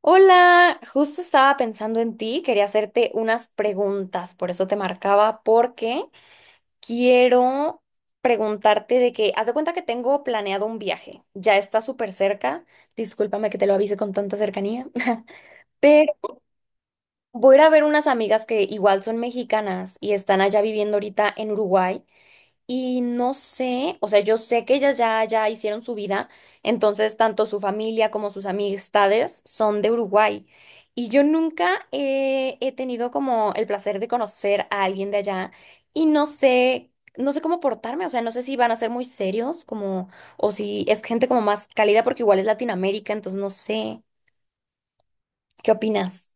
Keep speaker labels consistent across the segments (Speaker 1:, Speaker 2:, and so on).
Speaker 1: Hola, justo estaba pensando en ti, quería hacerte unas preguntas, por eso te marcaba, porque quiero preguntarte de que, haz de cuenta que tengo planeado un viaje, ya está súper cerca, discúlpame que te lo avise con tanta cercanía, pero voy a ir a ver unas amigas que igual son mexicanas y están allá viviendo ahorita en Uruguay. Y no sé, o sea, yo sé que ellas ya hicieron su vida, entonces tanto su familia como sus amistades son de Uruguay. Y yo nunca he tenido como el placer de conocer a alguien de allá y no sé, no sé cómo portarme, o sea, no sé si van a ser muy serios como, o si es gente como más cálida porque igual es Latinoamérica, entonces no sé, ¿qué opinas?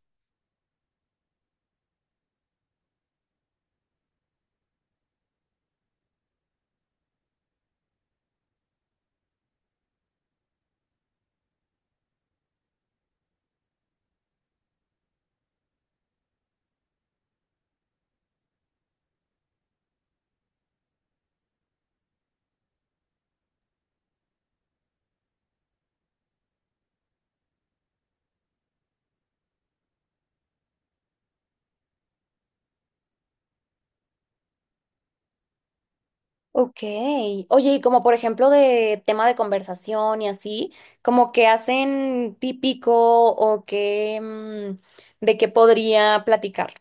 Speaker 1: Ok. Oye, y como por ejemplo de tema de conversación y así, como que hacen típico o que de qué podría platicar.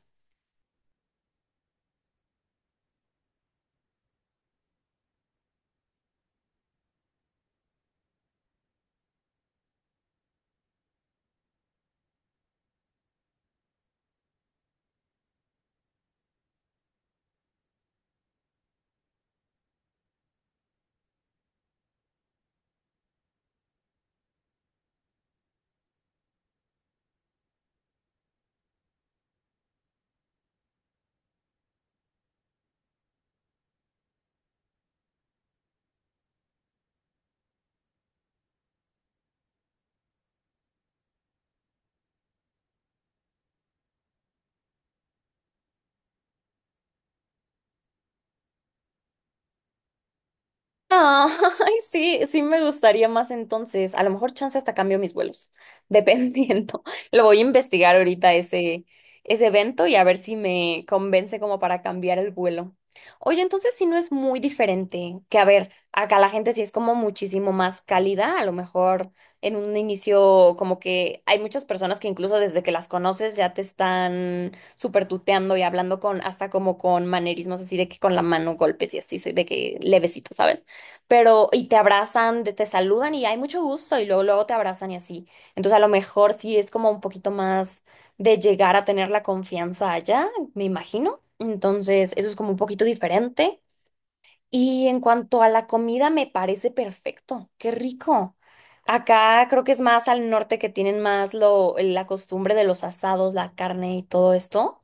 Speaker 1: Ah, ay, sí, sí me gustaría más entonces. A lo mejor chance hasta cambio mis vuelos, dependiendo. Lo voy a investigar ahorita ese evento y a ver si me convence como para cambiar el vuelo. Oye, entonces si no es muy diferente, que a ver, acá la gente sí es como muchísimo más cálida, a lo mejor en un inicio como que hay muchas personas que incluso desde que las conoces ya te están súper tuteando y hablando con hasta como con manerismos así de que con la mano golpes y así, de que levecito, ¿sabes? Pero y te abrazan, te saludan y hay mucho gusto y luego luego te abrazan y así. Entonces a lo mejor sí es como un poquito más de llegar a tener la confianza allá, me imagino. Entonces eso es como un poquito diferente. Y en cuanto a la comida, me parece perfecto. Qué rico. Acá creo que es más al norte que tienen más la costumbre de los asados, la carne y todo esto.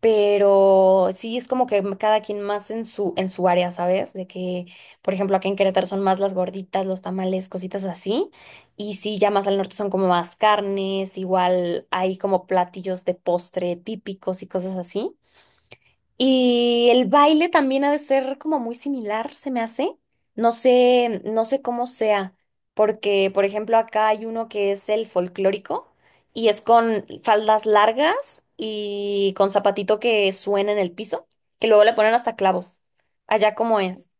Speaker 1: Pero sí es como que cada quien más en en su área, ¿sabes? De que, por ejemplo, acá en Querétaro son más las gorditas, los tamales, cositas así. Y sí, ya más al norte son como más carnes, igual hay como platillos de postre típicos y cosas así. Y el baile también ha de ser como muy similar, se me hace. No sé, no sé cómo sea, porque por ejemplo acá hay uno que es el folclórico y es con faldas largas y con zapatito que suena en el piso, que luego le ponen hasta clavos. Allá como es.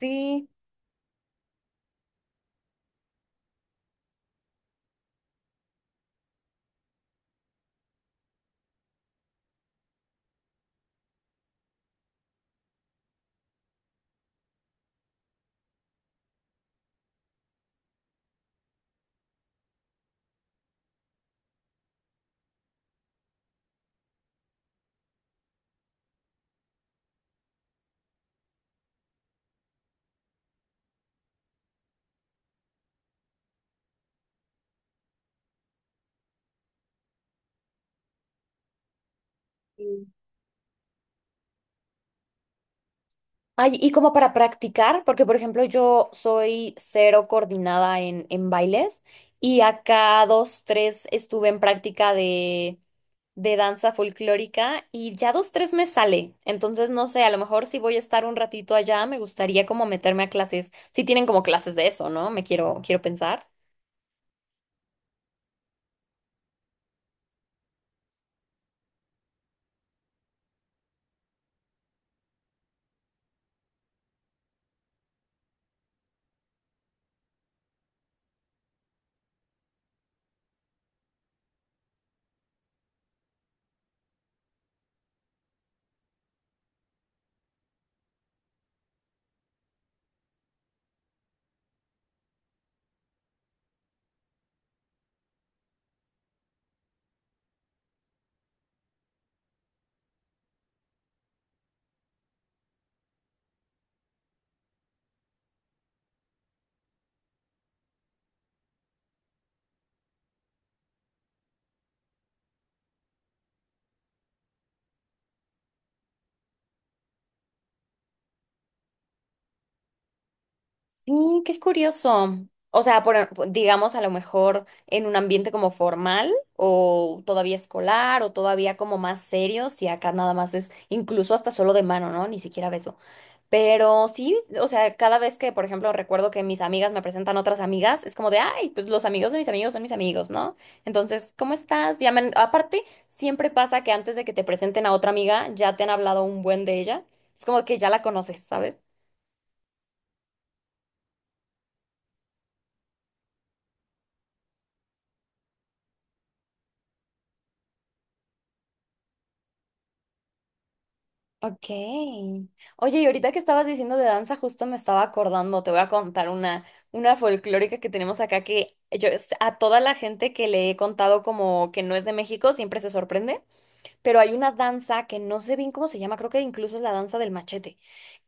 Speaker 1: Sí. Sí. Ay, y como para practicar, porque por ejemplo yo soy cero coordinada en bailes y acá dos, tres estuve en práctica de danza folclórica y ya dos, tres me sale. Entonces, no sé, a lo mejor si voy a estar un ratito allá, me gustaría como meterme a clases. Si tienen como clases de eso, ¿no? Me quiero pensar. Sí, qué curioso. O sea, por, digamos, a lo mejor en un ambiente como formal o todavía escolar o todavía como más serio, si acá nada más es incluso hasta solo de mano, ¿no? Ni siquiera beso. Pero sí, o sea, cada vez que, por ejemplo, recuerdo que mis amigas me presentan otras amigas, es como de, ay, pues los amigos de mis amigos son mis amigos, ¿no? Entonces, ¿cómo estás? Llaman. Aparte, siempre pasa que antes de que te presenten a otra amiga, ya te han hablado un buen de ella. Es como que ya la conoces, ¿sabes? Ok. Oye, y ahorita que estabas diciendo de danza, justo me estaba acordando, te voy a contar una folclórica que tenemos acá que yo a toda la gente que le he contado como que no es de México, siempre se sorprende. Pero hay una danza que no sé bien cómo se llama, creo que incluso es la danza del machete,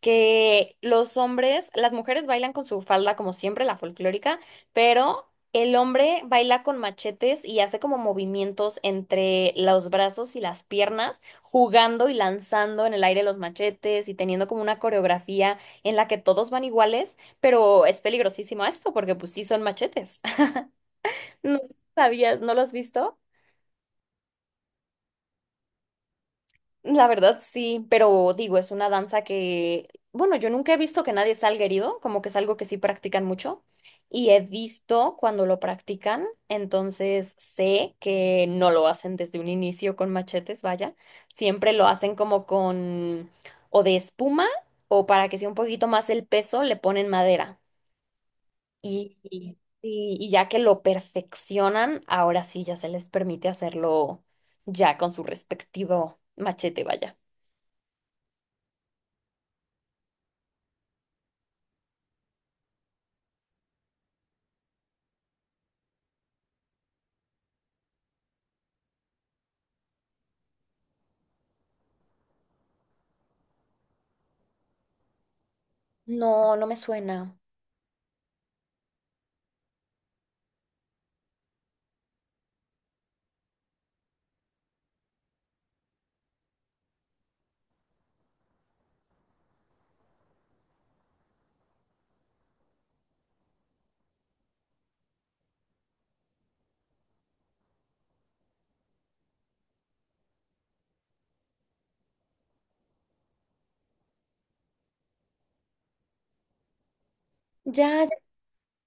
Speaker 1: que los hombres, las mujeres bailan con su falda como siempre, la folclórica, pero el hombre baila con machetes y hace como movimientos entre los brazos y las piernas, jugando y lanzando en el aire los machetes y teniendo como una coreografía en la que todos van iguales, pero es peligrosísimo esto porque pues sí son machetes. No sabías, ¿no lo has visto? La verdad sí, pero digo, es una danza que, bueno, yo nunca he visto que nadie salga herido, como que es algo que sí practican mucho y he visto cuando lo practican, entonces sé que no lo hacen desde un inicio con machetes, vaya, siempre lo hacen como con o de espuma o para que sea un poquito más el peso, le ponen madera y ya que lo perfeccionan, ahora sí ya se les permite hacerlo ya con su respectivo machete, vaya. No, no me suena. Ya, ya,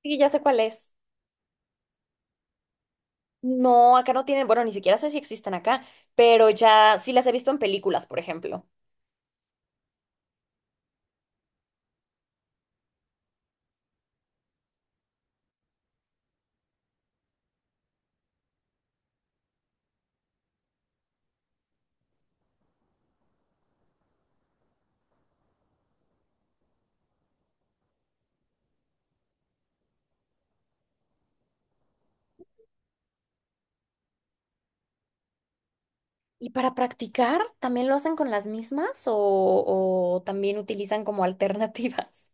Speaker 1: sí, ya sé cuál es. No, acá no tienen, bueno, ni siquiera sé si existen acá, pero ya sí las he visto en películas, por ejemplo. ¿Y para practicar también lo hacen con las mismas o también utilizan como alternativas?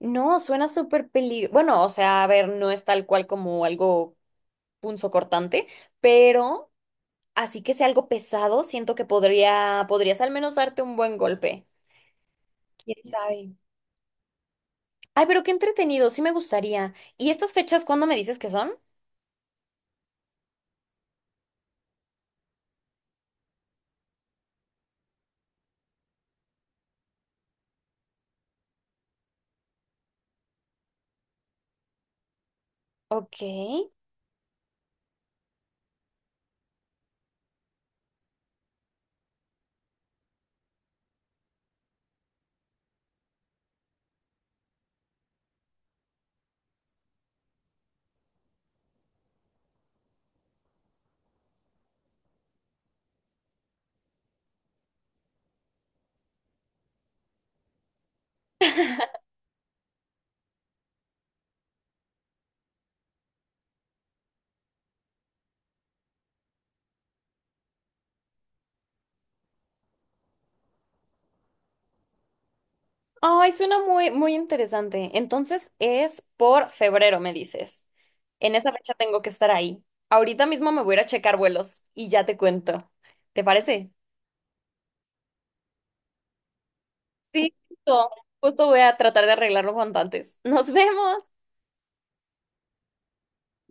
Speaker 1: No, suena súper peligroso. Bueno, o sea, a ver, no es tal cual como algo punzo cortante, pero así que sea algo pesado, siento que podrías al menos darte un buen golpe. ¿Quién sabe? Ay, pero qué entretenido, sí me gustaría. ¿Y estas fechas cuándo me dices que son? Ok. Ay, suena muy, muy interesante. Entonces es por febrero, me dices. En esa fecha tengo que estar ahí. Ahorita mismo me voy a ir a checar vuelos y ya te cuento. ¿Te parece? Sí, justo. Justo voy a tratar de arreglarlo cuanto antes. Nos vemos.